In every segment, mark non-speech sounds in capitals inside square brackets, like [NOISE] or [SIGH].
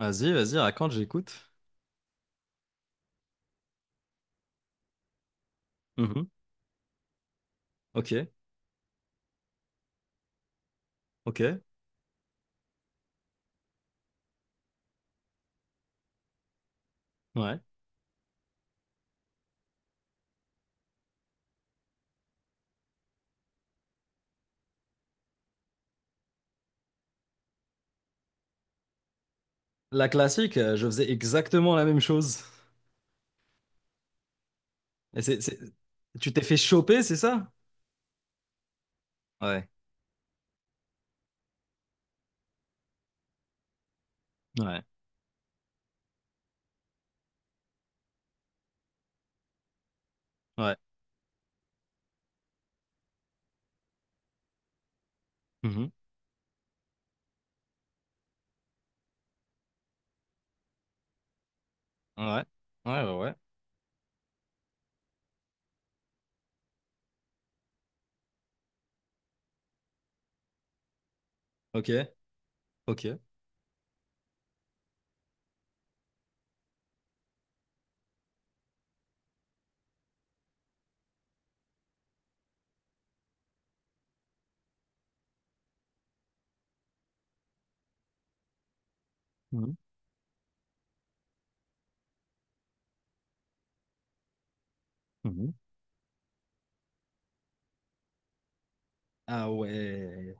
Vas-y, vas-y, raconte, j'écoute. Mhm. Ok, ok, ouais. La classique, je faisais exactement la même chose. Et c'est, c'est- Tu t'es fait choper, c'est ça? Ouais, ouais, ouais. Mhm. Ouais, ouais, ouais, ouais. Ok, ok. Mhm. Mhm. Ah ouais,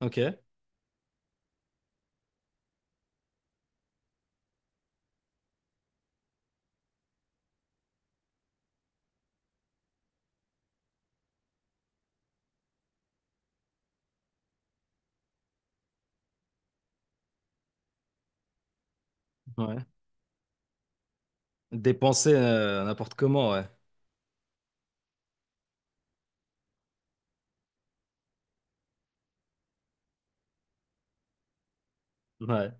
ok, ouais. Dépenser n'importe comment, ouais. Ouais,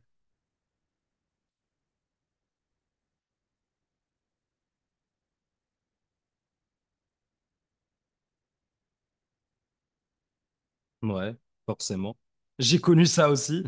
ouais, forcément. J'ai connu ça aussi.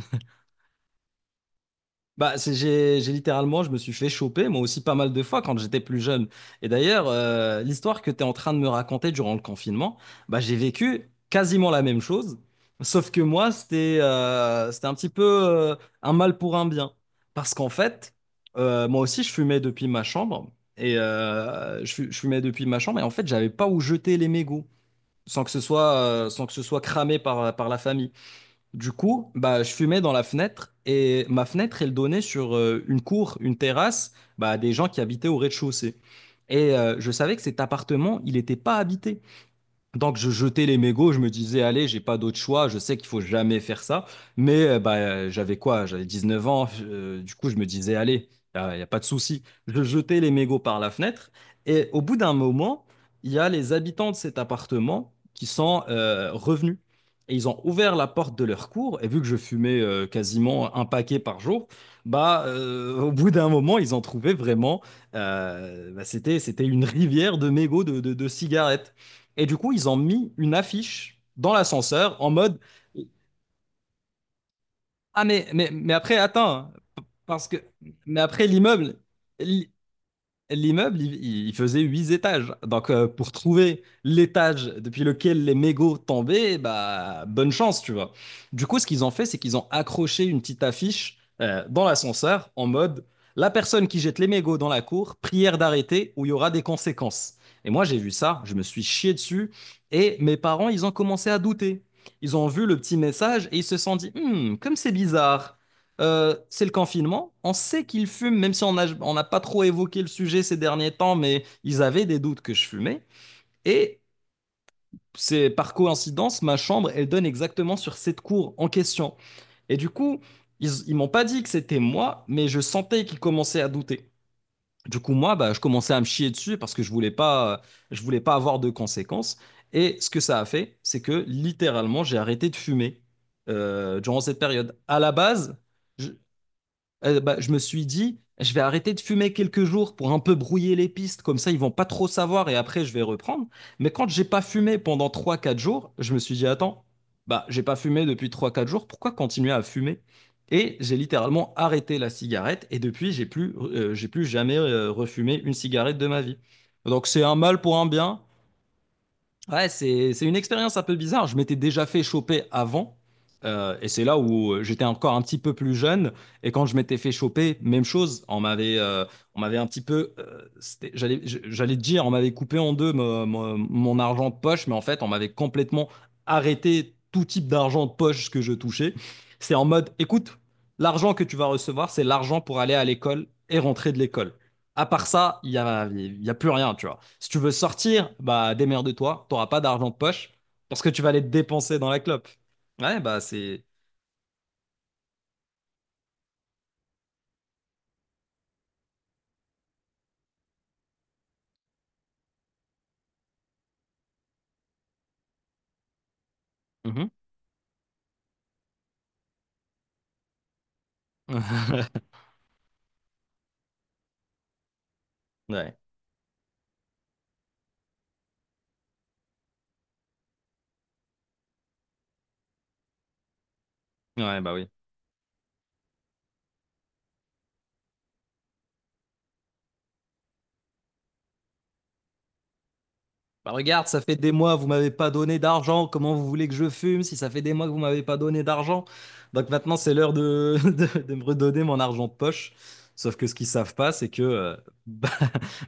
Bah, j'ai littéralement, je me suis fait choper, moi aussi pas mal de fois quand j'étais plus jeune. Et d'ailleurs, l'histoire que tu es en train de me raconter durant le confinement, bah, j'ai vécu quasiment la même chose, sauf que moi, c'était c'était un petit peu un mal pour un bien. Parce qu'en fait, moi aussi, je fumais depuis ma chambre, et je fumais depuis ma chambre, et en fait, j'avais pas où jeter les mégots, sans que ce soit, sans que ce soit cramé par, par la famille. Du coup, bah, je fumais dans la fenêtre et ma fenêtre, elle donnait sur une cour, une terrasse, bah, des gens qui habitaient au rez-de-chaussée. Et je savais que cet appartement, il n'était pas habité. Donc je jetais les mégots, je me disais, allez, j'ai pas d'autre choix, je sais qu'il faut jamais faire ça. Mais j'avais quoi? J'avais 19 ans, du coup je me disais, allez, il n'y a, pas de souci. Je jetais les mégots par la fenêtre et au bout d'un moment, il y a les habitants de cet appartement qui sont revenus. Et ils ont ouvert la porte de leur cour et vu que je fumais quasiment un paquet par jour, bah, au bout d'un moment, ils ont trouvé vraiment, c'était une rivière de mégots de cigarettes. Et du coup, ils ont mis une affiche dans l'ascenseur en mode. Ah, mais après, attends, parce que. Mais après, l'immeuble. l'i- L'immeuble, il faisait 8 étages. Donc, pour trouver l'étage depuis lequel les mégots tombaient, bah, bonne chance, tu vois. Du coup, ce qu'ils ont fait, c'est qu'ils ont accroché une petite affiche dans l'ascenseur en mode. La personne qui jette les mégots dans la cour, prière d'arrêter ou il y aura des conséquences. Et moi, j'ai vu ça, je me suis chié dessus et mes parents, ils ont commencé à douter. Ils ont vu le petit message et ils se sont dit, Hmm, comme c'est bizarre, c'est le confinement. On sait qu'ils fument, même si on n'a pas trop évoqué le sujet ces derniers temps, mais ils avaient des doutes que je fumais. Et c'est par coïncidence, ma chambre, elle donne exactement sur cette cour en question. Et du coup, ils m'ont pas dit que c'était moi, mais je sentais qu'ils commençaient à douter. Du coup, moi, bah, je commençais à me chier dessus parce que je voulais pas avoir de conséquences. Et ce que ça a fait, c'est que littéralement, j'ai arrêté de fumer durant cette période. À la base, je- bah, je me suis dit, je vais arrêter de fumer quelques jours pour un peu brouiller les pistes, comme ça ils vont pas trop savoir et après je vais reprendre. Mais quand j'ai pas fumé pendant trois quatre jours, je me suis dit, attends, bah j'ai pas fumé depuis trois quatre jours, pourquoi continuer à fumer? Et j'ai littéralement arrêté la cigarette et depuis j'ai plus jamais refumé une cigarette de ma vie. Donc c'est un mal pour un bien. Ouais, c'est une expérience un peu bizarre. Je m'étais déjà fait choper avant, et c'est là où j'étais encore un petit peu plus jeune. Et quand je m'étais fait choper, même chose. On m'avait un petit peu, j'allais te dire, on m'avait coupé en deux mon argent de poche, mais en fait, on m'avait complètement arrêté tout type d'argent de poche que je touchais. C'est en mode, écoute, l'argent que tu vas recevoir, c'est l'argent pour aller à l'école et rentrer de l'école. À part ça, il y a plus rien, tu vois. Si tu veux sortir, bah démerde-toi, t'auras pas d'argent de poche parce que tu vas aller te dépenser dans la clope. Ouais, bah c'est... Mhm. [LAUGHS] Ouais. Ouais, bah oui. Bah regarde, ça fait des mois, vous m'avez pas donné d'argent, comment vous voulez que je fume si ça fait des mois que vous m'avez pas donné d'argent? Donc maintenant, c'est l'heure de, [LAUGHS] de me redonner mon argent de poche. Sauf que ce qu'ils savent pas, c'est que [LAUGHS] bah,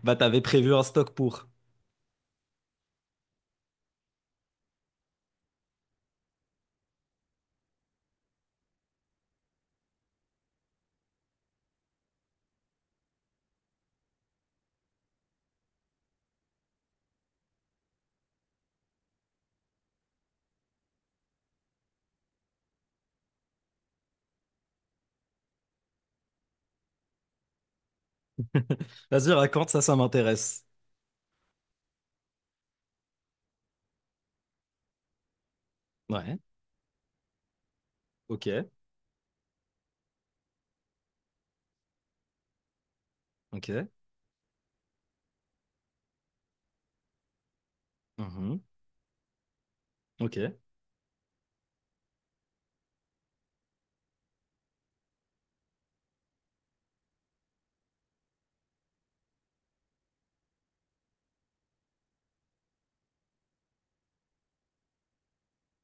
bah, t'avais prévu un stock pour. Vas-y, raconte, ça m'intéresse. Ouais, ok, ok. Mhm. Ok.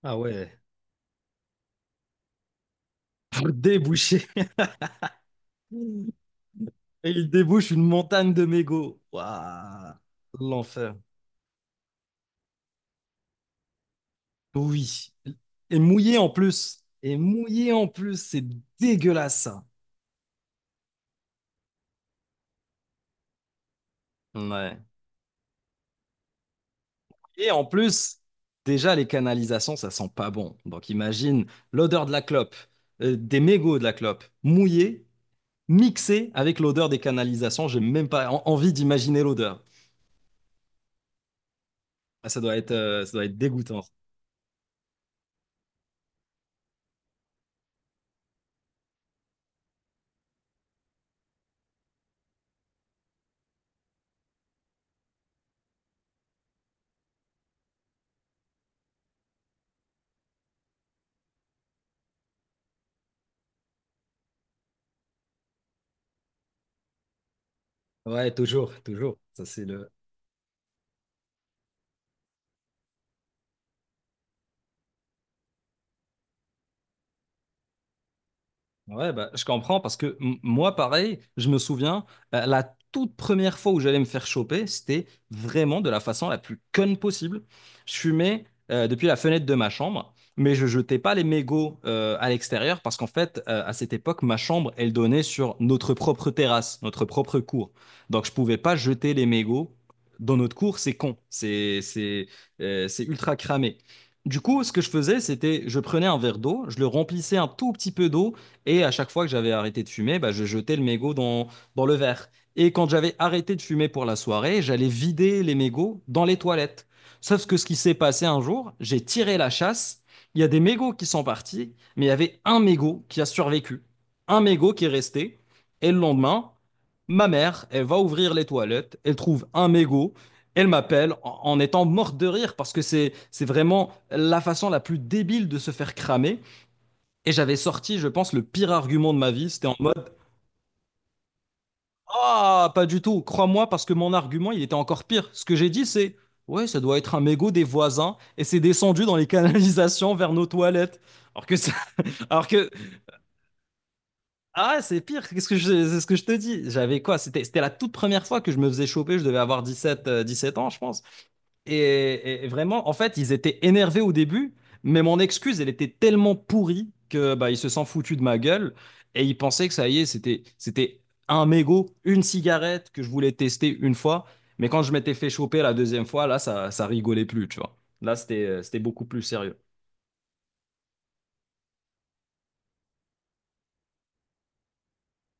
Ah ouais. Pour déboucher. Et il débouche une montagne de mégots. Waouh. L'enfer. Oui. Et mouillé en plus. Et mouillé en plus. C'est dégueulasse. Ça. Ouais. Et en plus, déjà, les canalisations, ça sent pas bon. Donc imagine l'odeur de la clope, des mégots de la clope, mouillés, mixés avec l'odeur des canalisations. J'ai même pas envie d'imaginer l'odeur. Ah, ça doit être dégoûtant. Ouais, toujours, toujours. Ça, c'est le. Ouais, bah, je comprends parce que moi, pareil, je me souviens, la toute première fois où j'allais me faire choper, c'était vraiment de la façon la plus conne possible. Je fumais depuis la fenêtre de ma chambre, mais je jetais pas les mégots à l'extérieur parce qu'en fait, à cette époque, ma chambre, elle donnait sur notre propre terrasse, notre propre cour. Donc, je pouvais pas jeter les mégots dans notre cour, c'est ultra cramé. Du coup, ce que je faisais, c'était je prenais un verre d'eau, je le remplissais un tout petit peu d'eau et à chaque fois que j'avais arrêté de fumer, bah, je jetais le mégot dans le verre. Et quand j'avais arrêté de fumer pour la soirée, j'allais vider les mégots dans les toilettes. Sauf que ce qui s'est passé un jour, j'ai tiré la chasse. Il y a des mégots qui sont partis, mais il y avait un mégot qui a survécu. Un mégot qui est resté. Et le lendemain, ma mère, elle va ouvrir les toilettes, elle trouve un mégot, elle m'appelle en étant morte de rire parce que c'est vraiment la façon la plus débile de se faire cramer. Et j'avais sorti, je pense, le pire argument de ma vie. C'était en mode. Ah, pas du tout, crois-moi, parce que mon argument, il était encore pire. Ce que j'ai dit, c'est. Ouais, ça doit être un mégot des voisins et c'est descendu dans les canalisations vers nos toilettes. Alors que, ça- [LAUGHS] alors que. Ah, c'est pire, qu'est-ce que je... c'est ce que je te dis. J'avais quoi? C'était la toute première fois que je me faisais choper, je devais avoir 7 ans, je pense. Et vraiment, en fait, ils étaient énervés au début, mais mon excuse, elle était tellement pourrie que bah, ils se sont foutus de ma gueule et ils pensaient que ça y est, c'était un mégot, une cigarette que je voulais tester une fois. Mais quand je m'étais fait choper la deuxième fois, là, ça rigolait plus, tu vois. Là, c'était, c'était beaucoup plus sérieux.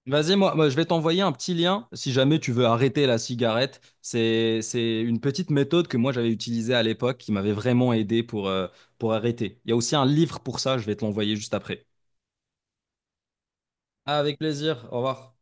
Vas-y, moi, je vais t'envoyer un petit lien si jamais tu veux arrêter la cigarette. C'est une petite méthode que moi j'avais utilisée à l'époque qui m'avait vraiment aidé pour arrêter. Il y a aussi un livre pour ça, je vais te l'envoyer juste après. Ah, avec plaisir, au revoir.